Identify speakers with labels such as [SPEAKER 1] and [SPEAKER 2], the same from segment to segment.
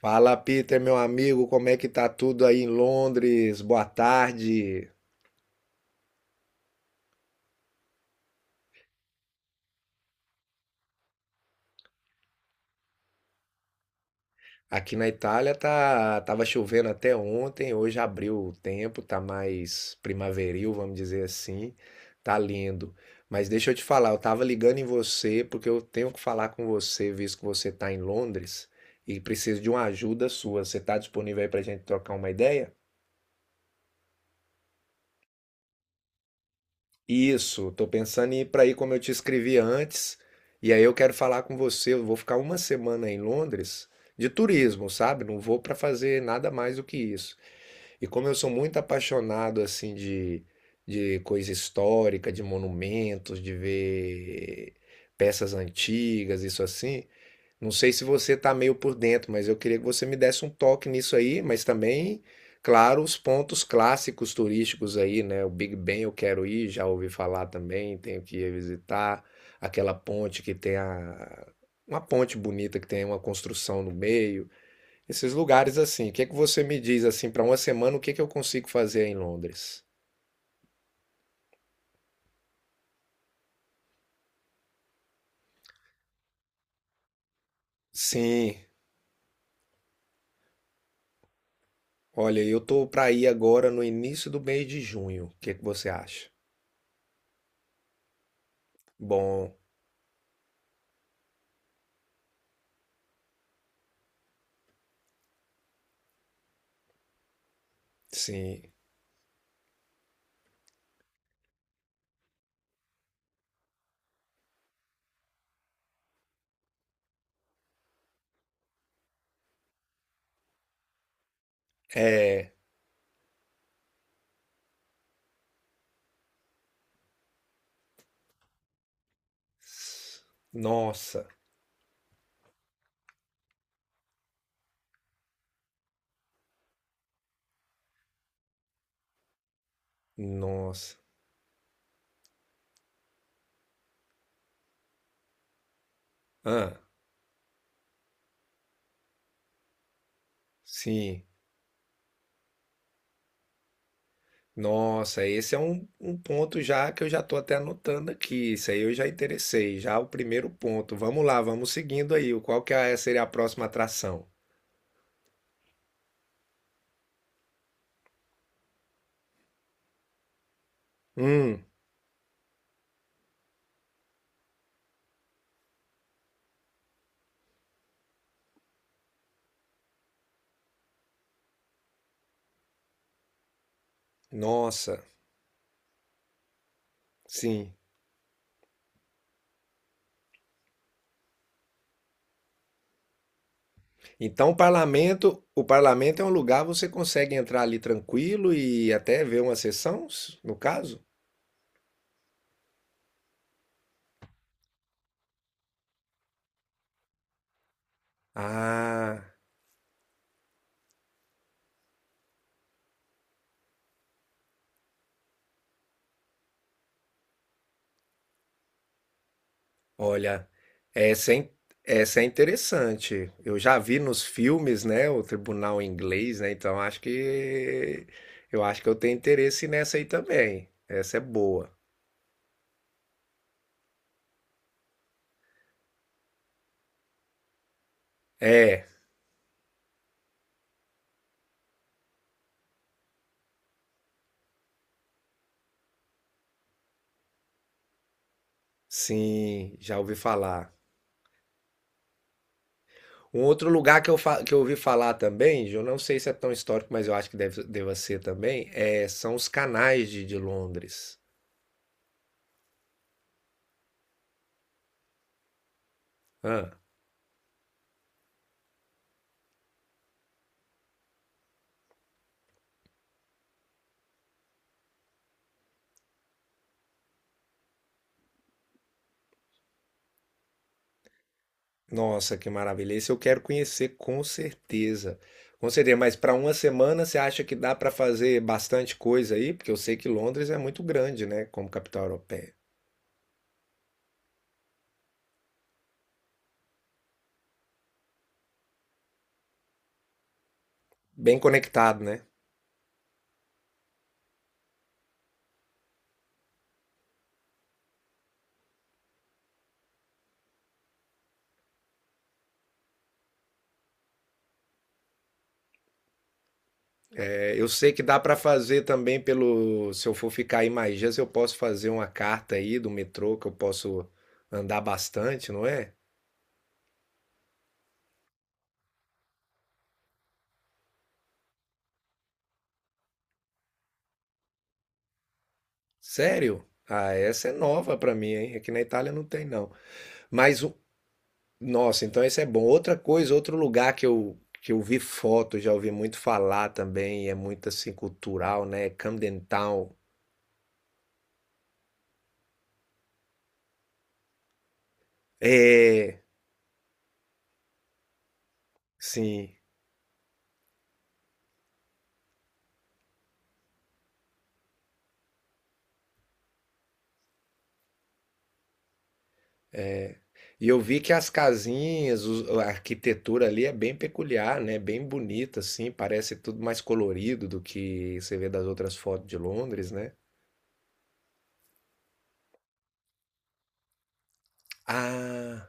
[SPEAKER 1] Fala, Peter, meu amigo, como é que tá tudo aí em Londres? Boa tarde. Aqui na Itália tá, tava chovendo até ontem, hoje abriu o tempo, tá mais primaveril, vamos dizer assim. Tá lindo. Mas deixa eu te falar, eu tava ligando em você porque eu tenho que falar com você, visto que você tá em Londres e preciso de uma ajuda sua. Você tá disponível aí pra gente trocar uma ideia? Isso, tô pensando em ir para aí como eu te escrevi antes. E aí eu quero falar com você. Eu vou ficar uma semana em Londres de turismo, sabe? Não vou para fazer nada mais do que isso. E como eu sou muito apaixonado assim de coisa histórica, de monumentos, de ver peças antigas, isso assim, não sei se você está meio por dentro, mas eu queria que você me desse um toque nisso aí, mas também, claro, os pontos clássicos turísticos aí, né? O Big Ben eu quero ir, já ouvi falar também, tenho que ir visitar aquela ponte que tem a uma ponte bonita que tem uma construção no meio, esses lugares assim. O que é que você me diz assim para uma semana, o que é que eu consigo fazer em Londres? Sim, olha, eu tô para ir agora no início do mês de junho. O que é que você acha? Bom, sim. É. Nossa, nossa. Ah, sim. Nossa, esse é um ponto já que eu já tô até anotando aqui. Isso aí eu já interessei, já o primeiro ponto. Vamos lá, vamos seguindo aí. O Qual que é- Seria a próxima atração? Hum, nossa, sim. Então, o parlamento é um lugar você consegue entrar ali tranquilo e até ver uma sessão, no caso? Ah. Olha, essa é, in- essa é interessante. Eu já vi nos filmes, né, o tribunal inglês, né? Então acho que eu tenho interesse nessa aí também. Essa é boa. É, sim, já ouvi falar. Um outro lugar que que eu ouvi falar também, eu não sei se é tão histórico, mas eu acho que deve, deva ser também, é, são os canais de Londres. Nossa, que maravilha. Esse eu quero conhecer com certeza. Com certeza, mas para uma semana você acha que dá para fazer bastante coisa aí? Porque eu sei que Londres é muito grande, né, como capital europeia. Bem conectado, né? É, eu sei que dá para fazer também pelo, se eu for ficar aí mais dias, eu posso fazer uma carta aí do metrô que eu posso andar bastante, não é? Sério? Ah, essa é nova para mim, hein? Aqui na Itália não tem não. Mas nossa, então esse é bom. Outra coisa, outro lugar que eu vi foto, já ouvi muito falar também, e é muito assim cultural, né? Camden Town. É, sim. E eu vi que as casinhas, a arquitetura ali é bem peculiar, né? Bem bonita, assim, parece tudo mais colorido do que você vê das outras fotos de Londres, né? Ah.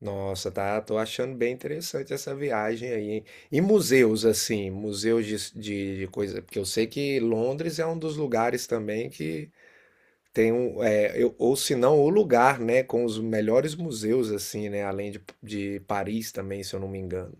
[SPEAKER 1] Nossa, tá, tô achando bem interessante essa viagem aí, hein? E museus, assim, museus de coisa, porque eu sei que Londres é um dos lugares também que tem um, é, ou se não, o lugar, né, com os melhores museus, assim, né, além de Paris também, se eu não me engano.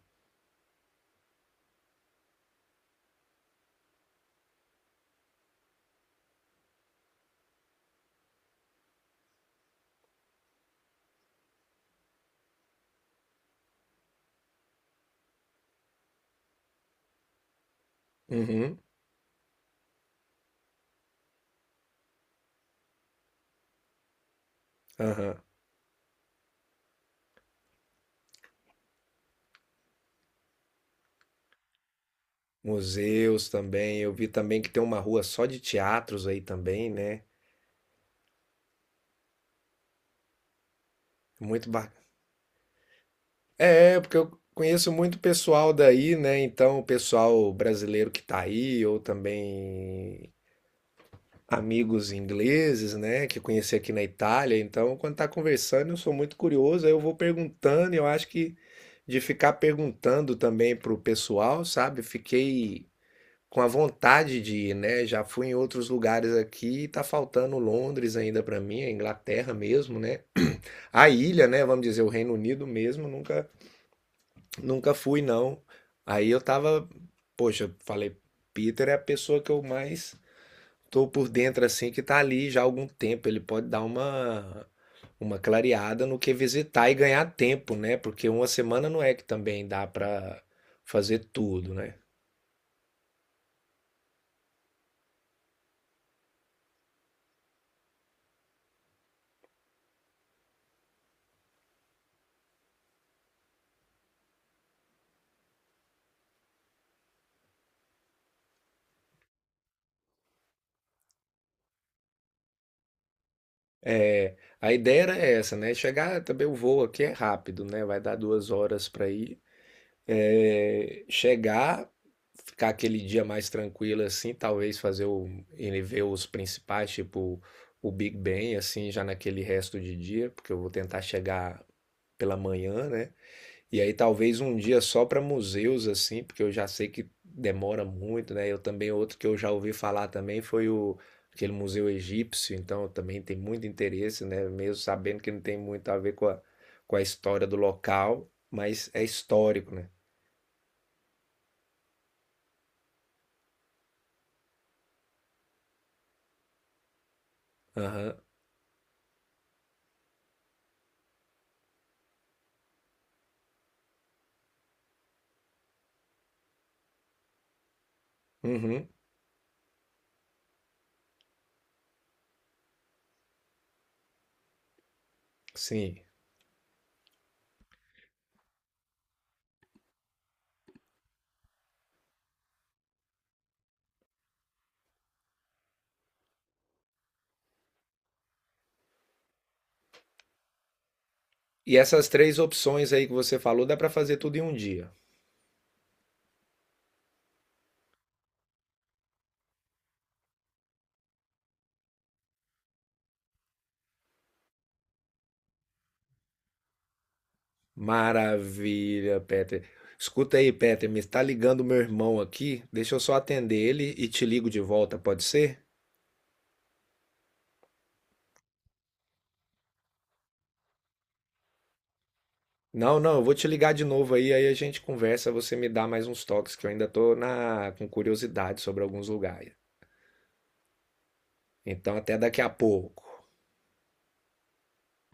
[SPEAKER 1] Uhum, aham. Museus também, eu vi também que tem uma rua só de teatros aí também, né? Muito bacana. É, porque eu conheço muito pessoal daí, né? Então, o pessoal brasileiro que tá aí, ou também amigos ingleses, né? Que eu conheci aqui na Itália. Então, quando tá conversando, eu sou muito curioso, aí eu vou perguntando, e eu acho que de ficar perguntando também pro pessoal, sabe? Fiquei com a vontade de ir, né? Já fui em outros lugares aqui, e tá faltando Londres ainda pra mim, a Inglaterra mesmo, né? A ilha, né? Vamos dizer, o Reino Unido mesmo, nunca. Nunca fui, não. Aí eu tava, poxa, falei, Peter é a pessoa que eu mais tô por dentro, assim, que tá ali já há algum tempo. Ele pode dar uma clareada no que visitar e ganhar tempo, né? Porque uma semana não é que também dá pra fazer tudo, né? É, a ideia era essa, né? Chegar também o voo aqui é rápido, né? Vai dar 2 horas pra ir. É, chegar, ficar aquele dia mais tranquilo assim, talvez fazer ele ver os principais, tipo o Big Ben, assim, já naquele resto de dia, porque eu vou tentar chegar pela manhã, né? E aí talvez um dia só para museus, assim, porque eu já sei que demora muito, né? Eu também, outro que eu já ouvi falar também foi o aquele museu egípcio, então eu também tem muito interesse, né? Mesmo sabendo que não tem muito a ver com com a história do local, mas é histórico, né? Aham. Uhum. Sim. E essas três opções aí que você falou, dá para fazer tudo em um dia. Maravilha, Peter. Escuta aí, Peter, me está ligando meu irmão aqui. Deixa eu só atender ele e te ligo de volta, pode ser? Não, não, eu vou te ligar de novo aí, aí a gente conversa, você me dá mais uns toques que eu ainda tô na com curiosidade sobre alguns lugares. Então até daqui a pouco.